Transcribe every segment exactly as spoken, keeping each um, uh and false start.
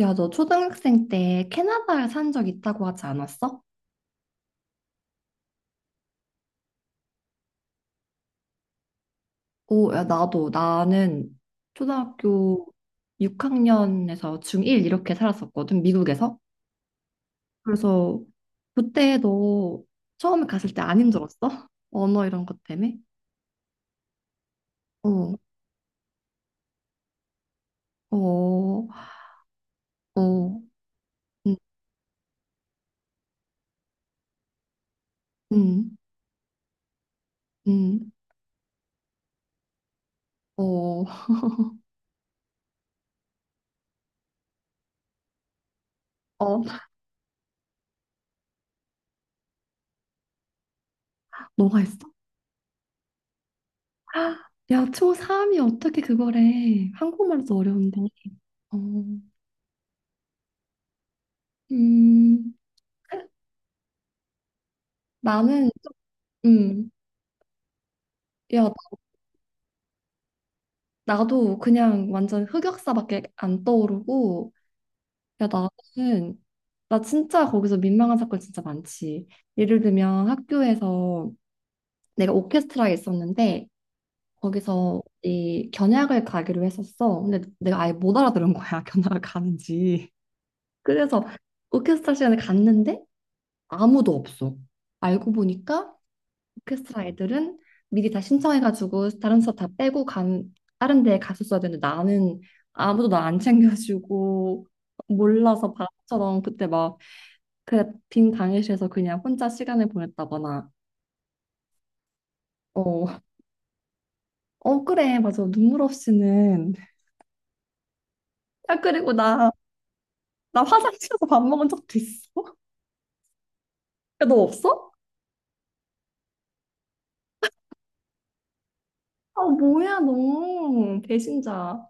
야, 너 초등학생 때 캐나다 산 적 있다고 하지 않았어? 오, 야, 나도. 나는 초등학교 육 학년에서 중일 이렇게 살았었거든, 미국에서. 그래서 그때 너 처음에 갔을 때 안 힘들었어? 언어 이런 것 때문에? 어, 어, 어, 음, 음, 음, 어, 어, 너가 있어? 야, 초삼이 어떻게 그걸 해? 한국말도 어려운데. 어, 음. 나는 음, 야, 나- 나도 그냥 완전 흑역사밖에 안 떠오르고, 야, 나는, 나 진짜 거기서 민망한 사건 진짜 많지. 예를 들면 학교에서 내가 오케스트라에 있었는데, 거기서 이 견학을 가기로 했었어. 근데 내가 아예 못 알아들은 거야, 견학을 가는지. 그래서 오케스트라 시간에 갔는데 아무도 없어. 알고 보니까 오케스트라 애들은 미리 다 신청해가지고 다른 수업 다 빼고 간 다른 데에 갔었어야 되는데 나는 아무도 나 안 챙겨주고 몰라서 바보처럼 그때 막 그 빈 강의실에서 그냥 혼자 시간을 보냈다거나. 어, 어 그래 맞아. 눈물 없이는. 야, 그리고 나, 나 화장실에서 밥 먹은 적도 있어. 야 너 없어? 아 뭐야 너 배신자.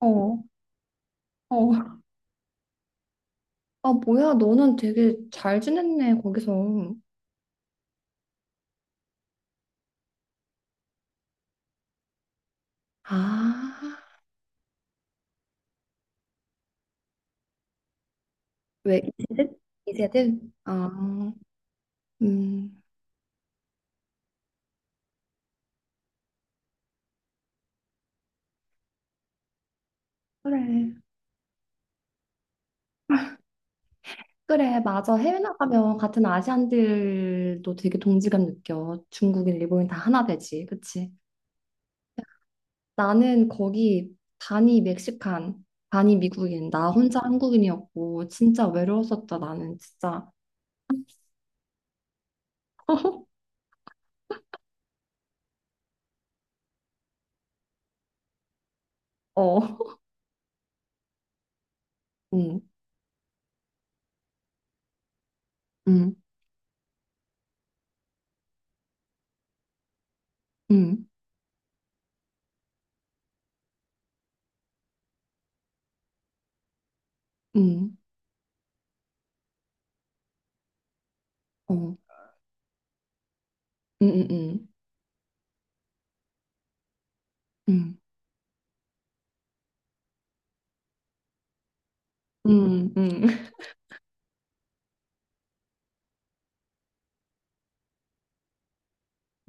어, 어, 아 뭐야 너는 되게 잘 지냈네 거기서. 아, 왜 이세대이세대. 아, 음, 그래. 그래, 맞아. 해외 나가면 같은 아시안들도 되게 동지감 느껴. 중국인, 일본인 다 하나 되지. 그치? 나는 거기 반이 멕시칸, 반이 미국인, 나 혼자 한국인이었고, 진짜 외로웠었다, 나는 진짜. 어, 응, 응, 응, 응, 어, 응, 응, 응, 응, 응, 응. 응.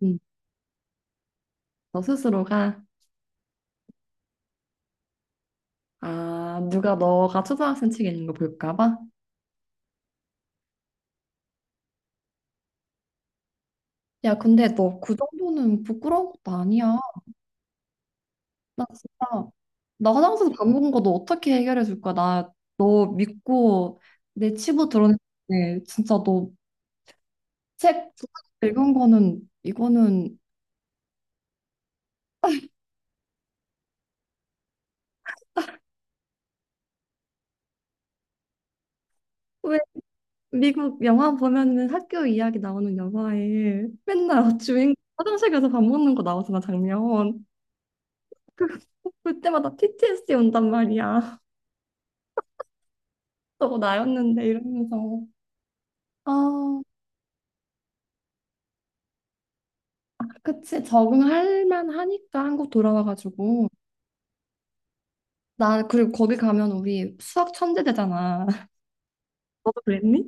응. 너 스스로가, 아, 누가 너가 초등학생 책에 있는 거 볼까 봐? 야, 근데 너 그 정도는 부끄러운 것도 아니야. 나 진짜, 나 화장실에서 밥 먹은 거 너 어떻게 해결해 줄 거야? 나 너 믿고 내 치부 드러냈는데, 진짜 너 책 읽은 거는, 이거는, 왜 미국 영화 보면은 학교 이야기 나오는 영화에 맨날 주인공 화장실 가서 밥 먹는 거 나오잖아, 장면. 그- 그때마다 피 티 에스 디 온단 말이야. 저거 나였는데 이러면서. 아, 그치, 적응할 만하니까 한국 돌아와가지고. 나, 그리고 거기 가면 우리 수학 천재 되잖아. 너도 그랬니?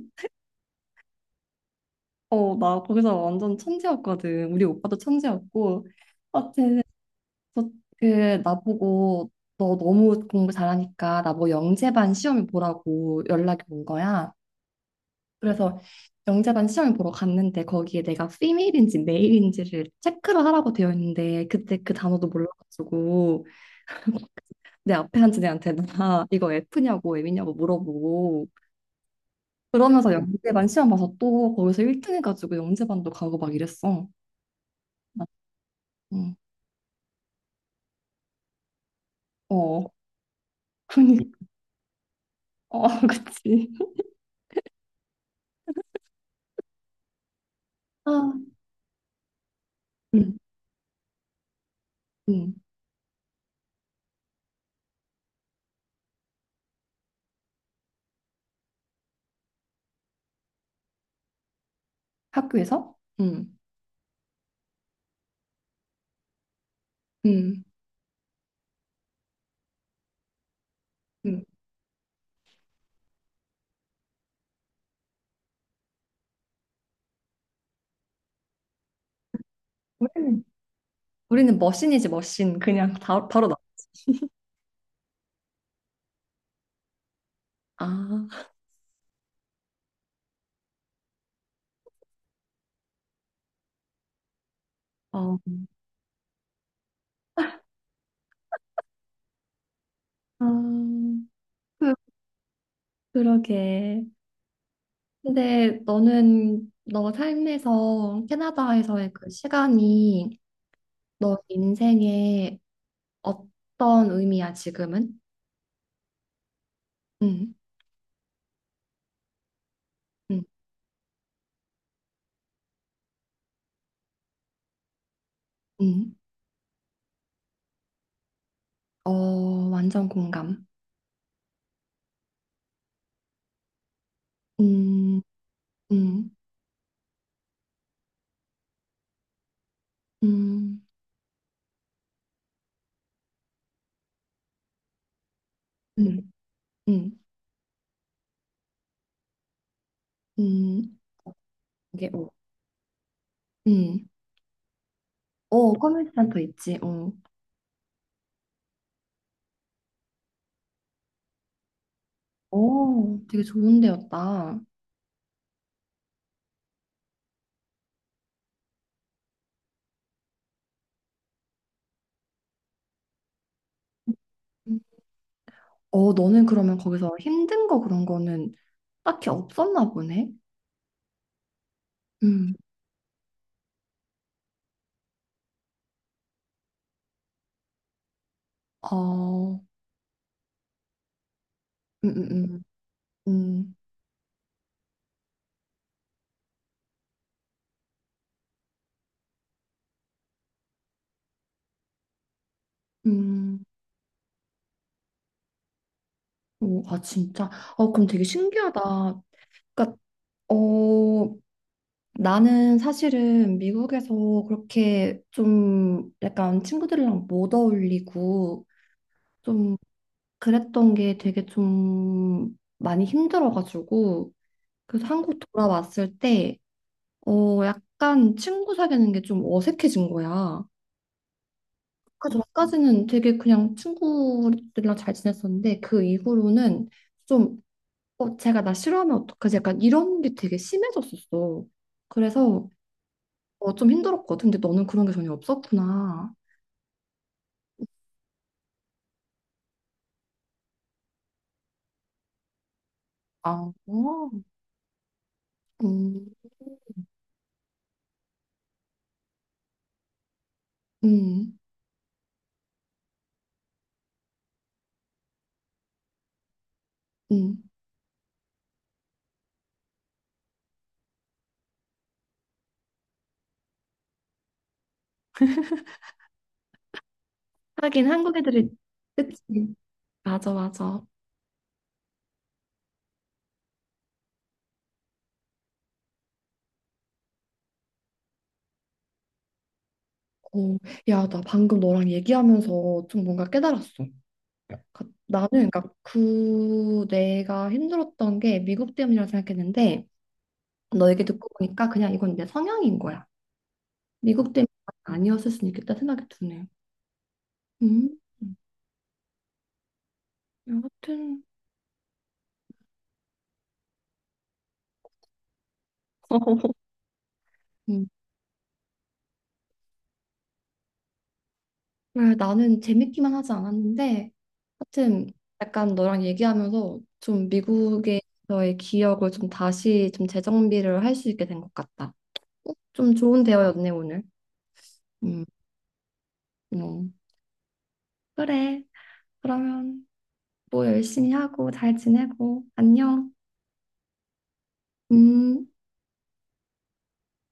어, 나 거기서 완전 천재였거든. 우리 오빠도 천재였고. 하여튼, 저- 그, 나보고 너 너무 공부 잘하니까 나 뭐 영재반 시험을 보라고 연락이 온 거야. 그래서 영재반 시험을 보러 갔는데 거기에 내가 피메일인지 메일인지를 체크를 하라고 되어 있는데 그때 그 단어도 몰라가지고 내 앞에 앉은 애한테 나 이거 F냐고 M이냐고 물어보고, 그러면서 영재반 시험 봐서 또 거기서 일 등 해가지고 영재반도 가고 막 이랬어. 나- 응. 어, 그니, 어, 그치. 아, 응, 응. 학교에서? 응, 응, 응. 우리는, 우리는 머신이지, 머신. 그냥 다, 바로 나. 아, 어, 아, 그, 그러게. 근데 너는 너 삶에서 캐나다에서의 그 시간이 너 인생에 어떤 의미야, 지금은? 음, 음, 음. 어, 완전 공감. 음, 음, 음, 음, 음, 음. 이게, 어, 음. 어, 커뮤니티 센터 있지. 어. 오, 되게 좋은 데였다. 음. 어, 너는 그러면 거기서 힘든 거 그런 거는 딱히 없었나 보네. 음, 어, 음, 음, 음, 음, 음. 오, 아, 진짜. 어, 그럼 되게 신기하다. 그러니까, 어, 나는 사실은 미국에서 그렇게 좀 약간 친구들이랑 못 어울리고 좀 그랬던 게 되게 좀 많이 힘들어가지고, 그래서 한국 돌아왔을 때 어 약간 친구 사귀는 게 좀 어색해진 거야. 그 전까지는 되게 그냥 친구들이랑 잘 지냈었는데 그 이후로는 좀 어, 제가 나 싫어하면 어떡하지? 약간 이런 게 되게 심해졌었어. 그래서 어, 좀 힘들었거든. 근데 너는 그런 게 전혀 없었구나. 아, 어, 음, 음, 음. 하긴 한국 애들이, 그치? 맞아, 맞아. 어, 야, 나 방금 너랑 얘기하면서 좀 뭔가 깨달았어. 그- 나는 그러니까 그 내가 힘들었던 게 미국 때문이라고 생각했는데 너 얘기 듣고 보니까 그냥 이건 내 성향인 거야. 미국 때문이 아니었을 수 있겠다 생각이 드네. 음, 여하튼. 그래, 나는 재밌기만 하지 않았는데 하여튼 약간 너랑 얘기하면서 좀 미국에서의 기억을 좀 다시 좀 재정비를 할 수 있게 된 것 같다. 어? 좀 좋은 대화였네 오늘. 음, 음. 그래. 그러면 뭐 열심히 하고 잘 지내고 안녕. 음.